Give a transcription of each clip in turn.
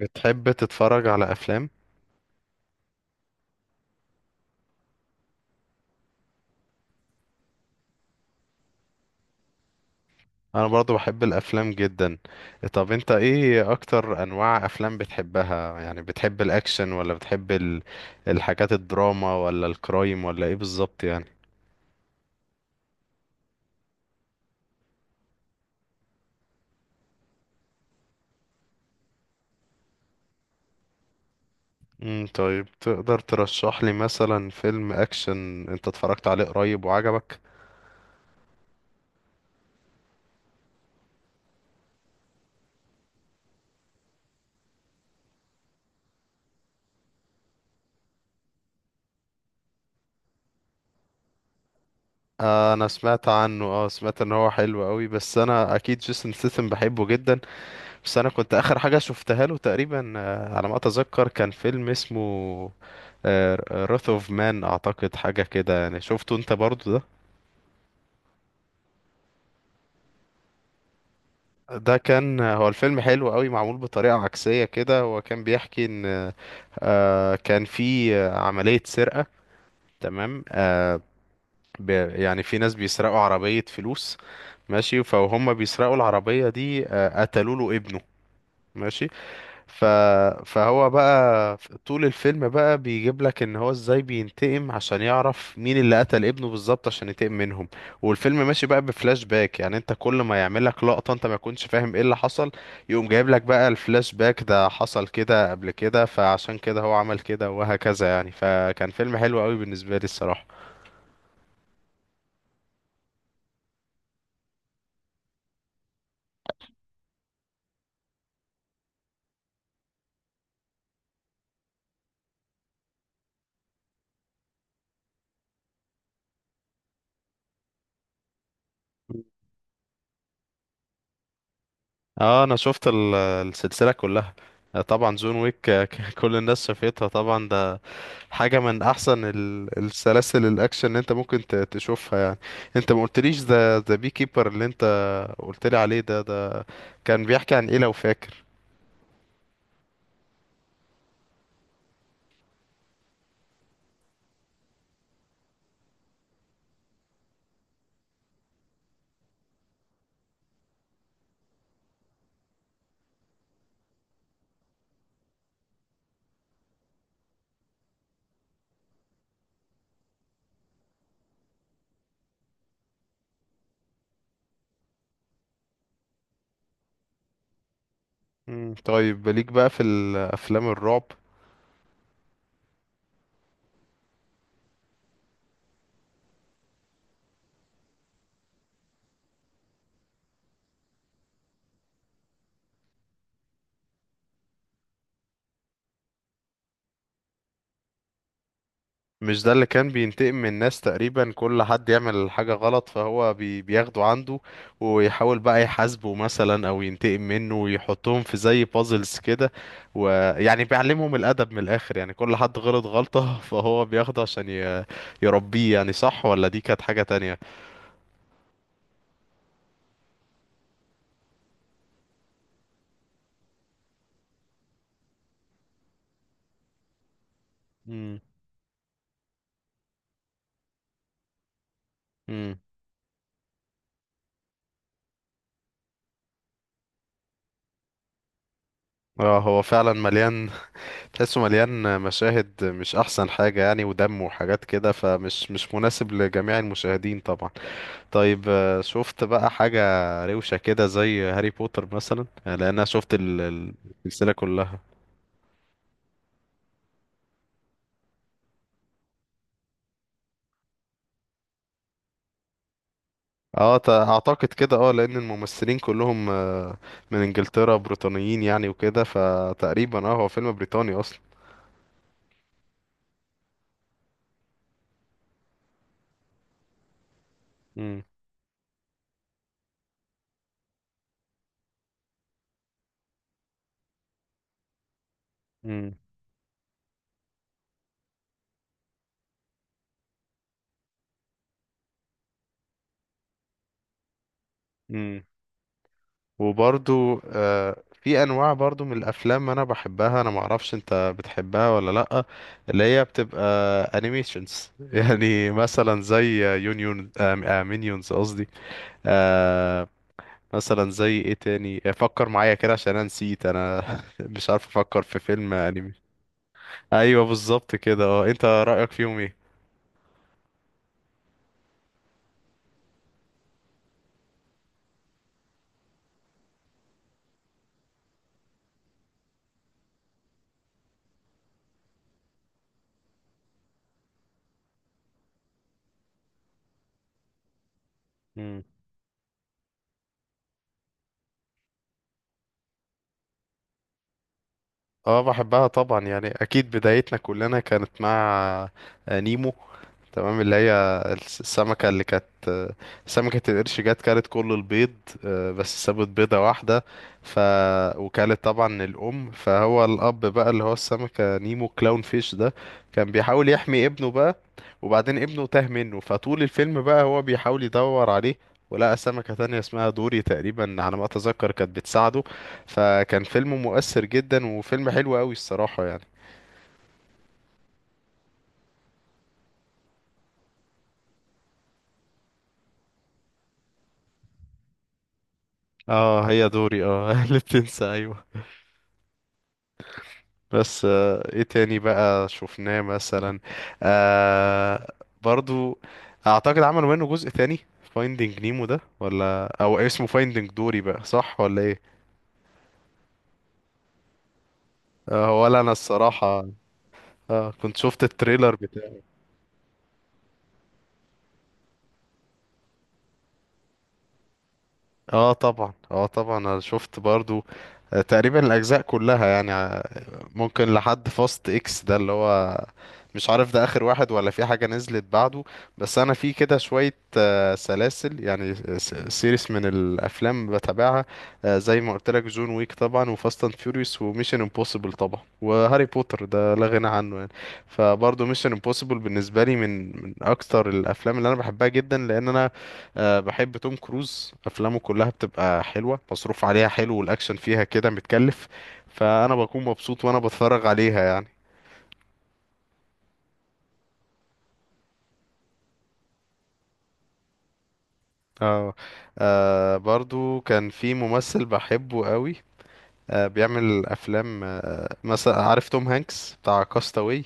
بتحب تتفرج على افلام؟ انا برضو بحب الافلام جدا. طب انت ايه اكتر انواع افلام بتحبها؟ يعني بتحب الاكشن ولا بتحب الحاجات الدراما ولا الكرايم ولا ايه بالظبط يعني؟ طيب تقدر ترشح لي مثلا فيلم اكشن انت اتفرجت عليه قريب وعجبك؟ انا سمعت عنه، اه سمعت ان هو حلو قوي، بس انا اكيد جيسون ستاثام بحبه جدا. بس انا كنت اخر حاجه شفتها له تقريبا، على ما اتذكر كان فيلم اسمه راث اوف مان، اعتقد حاجه كده يعني. شفته انت برضو ده؟ ده كان هو الفيلم حلو قوي، معمول بطريقه عكسيه كده. هو كان بيحكي ان كان في عمليه سرقه. تمام؟ ب- يعني في ناس بيسرقوا عربيه فلوس، ماشي، فهم بيسرقوا العربيه دي، قتلوا له ابنه، ماشي. ف... فهو بقى طول الفيلم بقى بيجيب لك ان هو ازاي بينتقم، عشان يعرف مين اللي قتل ابنه بالظبط عشان ينتقم منهم. والفيلم ماشي بقى بفلاش باك، يعني انت كل ما يعمل لك لقطة انت ما كنتش فاهم ايه اللي حصل، يقوم جايب لك بقى الفلاش باك ده حصل كده قبل كده، فعشان كده هو عمل كده وهكذا يعني. فكان فيلم حلو قوي بالنسبة لي الصراحة. اه انا شفت السلسلة كلها. طبعا جون ويك، كل الناس شافتها طبعا. ده حاجة من أحسن السلاسل الأكشن اللي أنت ممكن تشوفها يعني. أنت ما قلتليش ذا بي كيبر اللي أنت قلتلي عليه ده، ده كان بيحكي عن إيه لو فاكر؟ مم. طيب ليك بقى في الأفلام الرعب؟ مش ده اللي كان بينتقم من الناس تقريبا؟ كل حد يعمل حاجة غلط فهو بياخده عنده ويحاول بقى يحاسبه مثلا او ينتقم منه، ويحطهم في زي بازلز كده. ويعني بيعلمهم الأدب من الآخر يعني، كل حد غلط غلطة فهو بياخده عشان يربيه يعني. صح، ولا دي كانت حاجة تانية؟ امم. امم. اه هو فعلا مليان، تحسه مليان مشاهد مش احسن حاجة يعني، ودم وحاجات كده، مش مناسب لجميع المشاهدين طبعا. طيب شفت بقى حاجة روشة كده زي هاري بوتر مثلا؟ يعني لأن أنا شفت السلسلة كلها. اه، اعتقد كده، اه لان الممثلين كلهم، من انجلترا بريطانيين يعني وكده، فتقريبا اه هو فيلم بريطاني اصلا. امم. امم. امم. وبرضو آه في انواع برضو من الافلام انا بحبها، انا معرفش انت بتحبها ولا لا، اللي هي بتبقى انيميشنز يعني. مثلا زي يونيون آه، مينيونز قصدي. آه، مثلا زي ايه تاني؟ فكر معايا كده عشان انا نسيت انا مش عارف افكر في فيلم انمي. ايوه بالظبط كده. اه انت رأيك فيهم ايه؟ مم. اه بحبها طبعا يعني، اكيد بدايتنا كلنا كانت مع نيمو. تمام؟ اللي هي السمكة اللي كانت، سمكة القرش جت كلت كل البيض، بس سابت بيضة واحدة، ف وكلت طبعا الأم. فهو الأب بقى اللي هو السمكة نيمو كلاون فيش ده، كان بيحاول يحمي ابنه بقى، وبعدين ابنه تاه منه، فطول الفيلم بقى هو بيحاول يدور عليه، ولقى سمكة تانية اسمها دوري تقريبا على ما أتذكر كانت بتساعده. فكان فيلم مؤثر جدا وفيلم حلو قوي الصراحة يعني. اه هي دوري، اه اللي بتنسى، ايوه. بس ايه تاني بقى شفناه مثلا؟ آه، برضو اعتقد عملوا منه جزء تاني، فايندينج نيمو ده، ولا او اسمه فايندينج دوري بقى، صح ولا ايه؟ آه، ولا انا الصراحة. آه كنت شفت التريلر. اه طبعا، اه طبعا انا شفت برضو تقريبا الاجزاء كلها يعني، ممكن لحد فاست اكس ده، اللي هو مش عارف ده اخر واحد ولا في حاجة نزلت بعده. بس انا في كده شوية سلاسل يعني، آه سيريس من الافلام بتابعها، زي ما قلت لك جون ويك طبعا، وفاست اند فيوريوس، وميشن امبوسيبل طبعا، وهاري بوتر ده لا غنى عنه يعني. فبرضه ميشن امبوسيبل بالنسبة لي من اكتر الافلام اللي انا بحبها جدا، لان انا أه بحب توم كروز، افلامه كلها بتبقى حلوه، مصروف عليها حلو، والاكشن فيها كده متكلف، فانا بكون مبسوط وانا بتفرج عليها يعني. اه. برضو كان في ممثل بحبه قوي، أه بيعمل افلام، مثلا عارف توم هانكس بتاع كاستاوي؟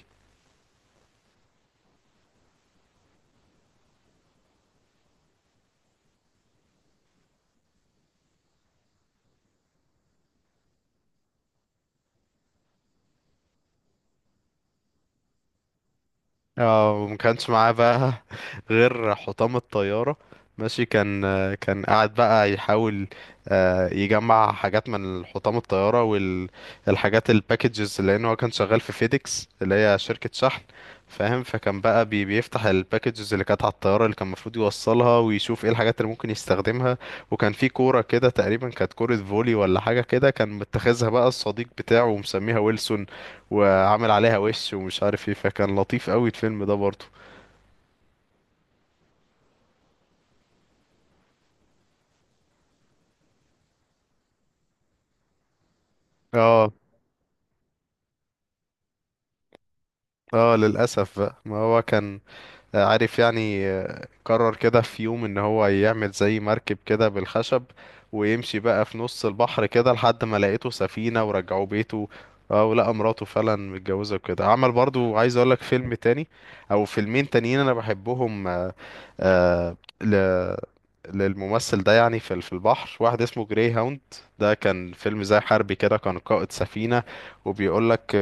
اه وما كانش معاه بقى غير حطام الطيارة، ماشي. كان كان قاعد بقى يحاول يجمع حاجات من حطام الطيارة، والحاجات الباكجز، لأن هو كان شغال في فيديكس اللي هي شركة شحن، فاهم؟ فكان بقى بيفتح الباكجز اللي كانت على الطيارة اللي كان المفروض يوصلها، ويشوف ايه الحاجات اللي ممكن يستخدمها. وكان في كورة كده تقريبا، كانت كورة فولي ولا حاجة كده، كان متخذها بقى الصديق بتاعه ومسميها ويلسون، وعمل عليها وش ومش عارف ايه. فكان لطيف قوي الفيلم ده برضه. اه. اه للأسف بقى، ما هو كان عارف يعني، قرر كده في يوم ان هو يعمل زي مركب كده بالخشب، ويمشي بقى في نص البحر كده لحد ما لقيته سفينة ورجعوا بيته. اه ولقى مراته فعلا متجوزة وكده. عمل برضو، عايز اقولك فيلم تاني او فيلمين تانيين انا بحبهم آه ل... للممثل ده يعني، في في البحر واحد اسمه جراي هاوند، ده كان فيلم زي حربي كده، كان قائد سفينة، وبيقول لك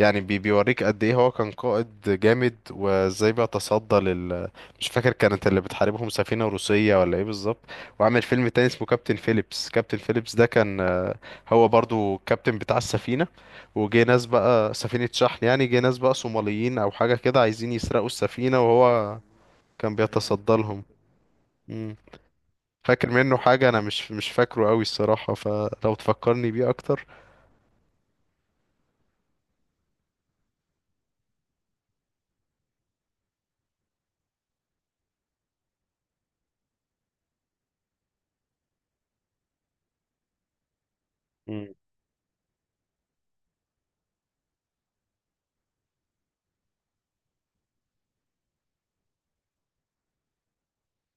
يعني بيوريك قد ايه هو كان قائد جامد، وازاي بيتصدى لل، مش فاكر كانت اللي بتحاربهم سفينة روسية ولا ايه بالظبط. وعمل فيلم تاني اسمه كابتن فيليبس. كابتن فيليبس ده كان هو برضو كابتن بتاع السفينة، وجه ناس بقى، سفينة شحن يعني، جه ناس بقى صوماليين او حاجة كده عايزين يسرقوا السفينة وهو كان بيتصدى لهم. مم. فاكر منه حاجة؟ أنا مش فاكره أوي الصراحة، فلو تفكرني بيه أكتر. مم.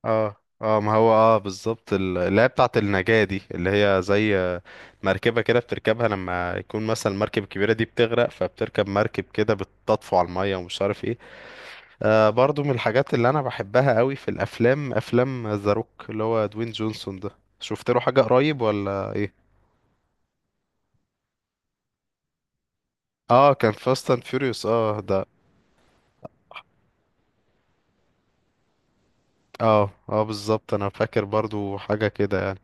اه، اه ما هو اه بالظبط اللي هي بتاعة النجاة دي، اللي هي زي مركبة كده بتركبها لما يكون مثلا المركب الكبيرة دي بتغرق، فبتركب مركب كده بتطفو على المية ومش عارف ايه. آه برضو من الحاجات اللي أنا بحبها أوي في الأفلام، أفلام ذا روك اللي هو دوين جونسون ده. شفت له حاجة قريب ولا ايه؟ اه كان فاست اند فيوريوس اه ده. اه اه بالظبط، أنا فاكر برضو حاجة كده يعني.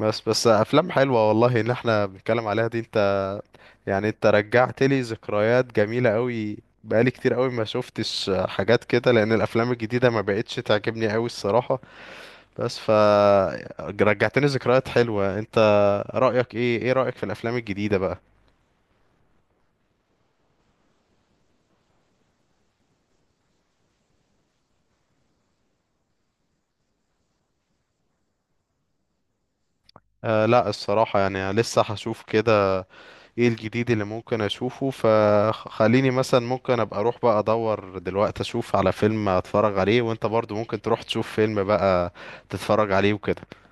بس بس افلام حلوه والله اللي احنا بنتكلم عليها دي، انت يعني انت رجعت لي ذكريات جميله قوي، بقالي كتير قوي ما شفتش حاجات كده، لان الافلام الجديده ما بقتش تعجبني قوي الصراحه. بس رجعتني ذكريات حلوه انت. رايك ايه، ايه رايك في الافلام الجديده بقى؟ آه لا الصراحه يعني لسه هشوف كده ايه الجديد اللي ممكن اشوفه، فخليني مثلا ممكن ابقى اروح بقى ادور دلوقتي اشوف على فيلم اتفرج عليه، وانت برضو ممكن تروح تشوف فيلم بقى تتفرج عليه وكده.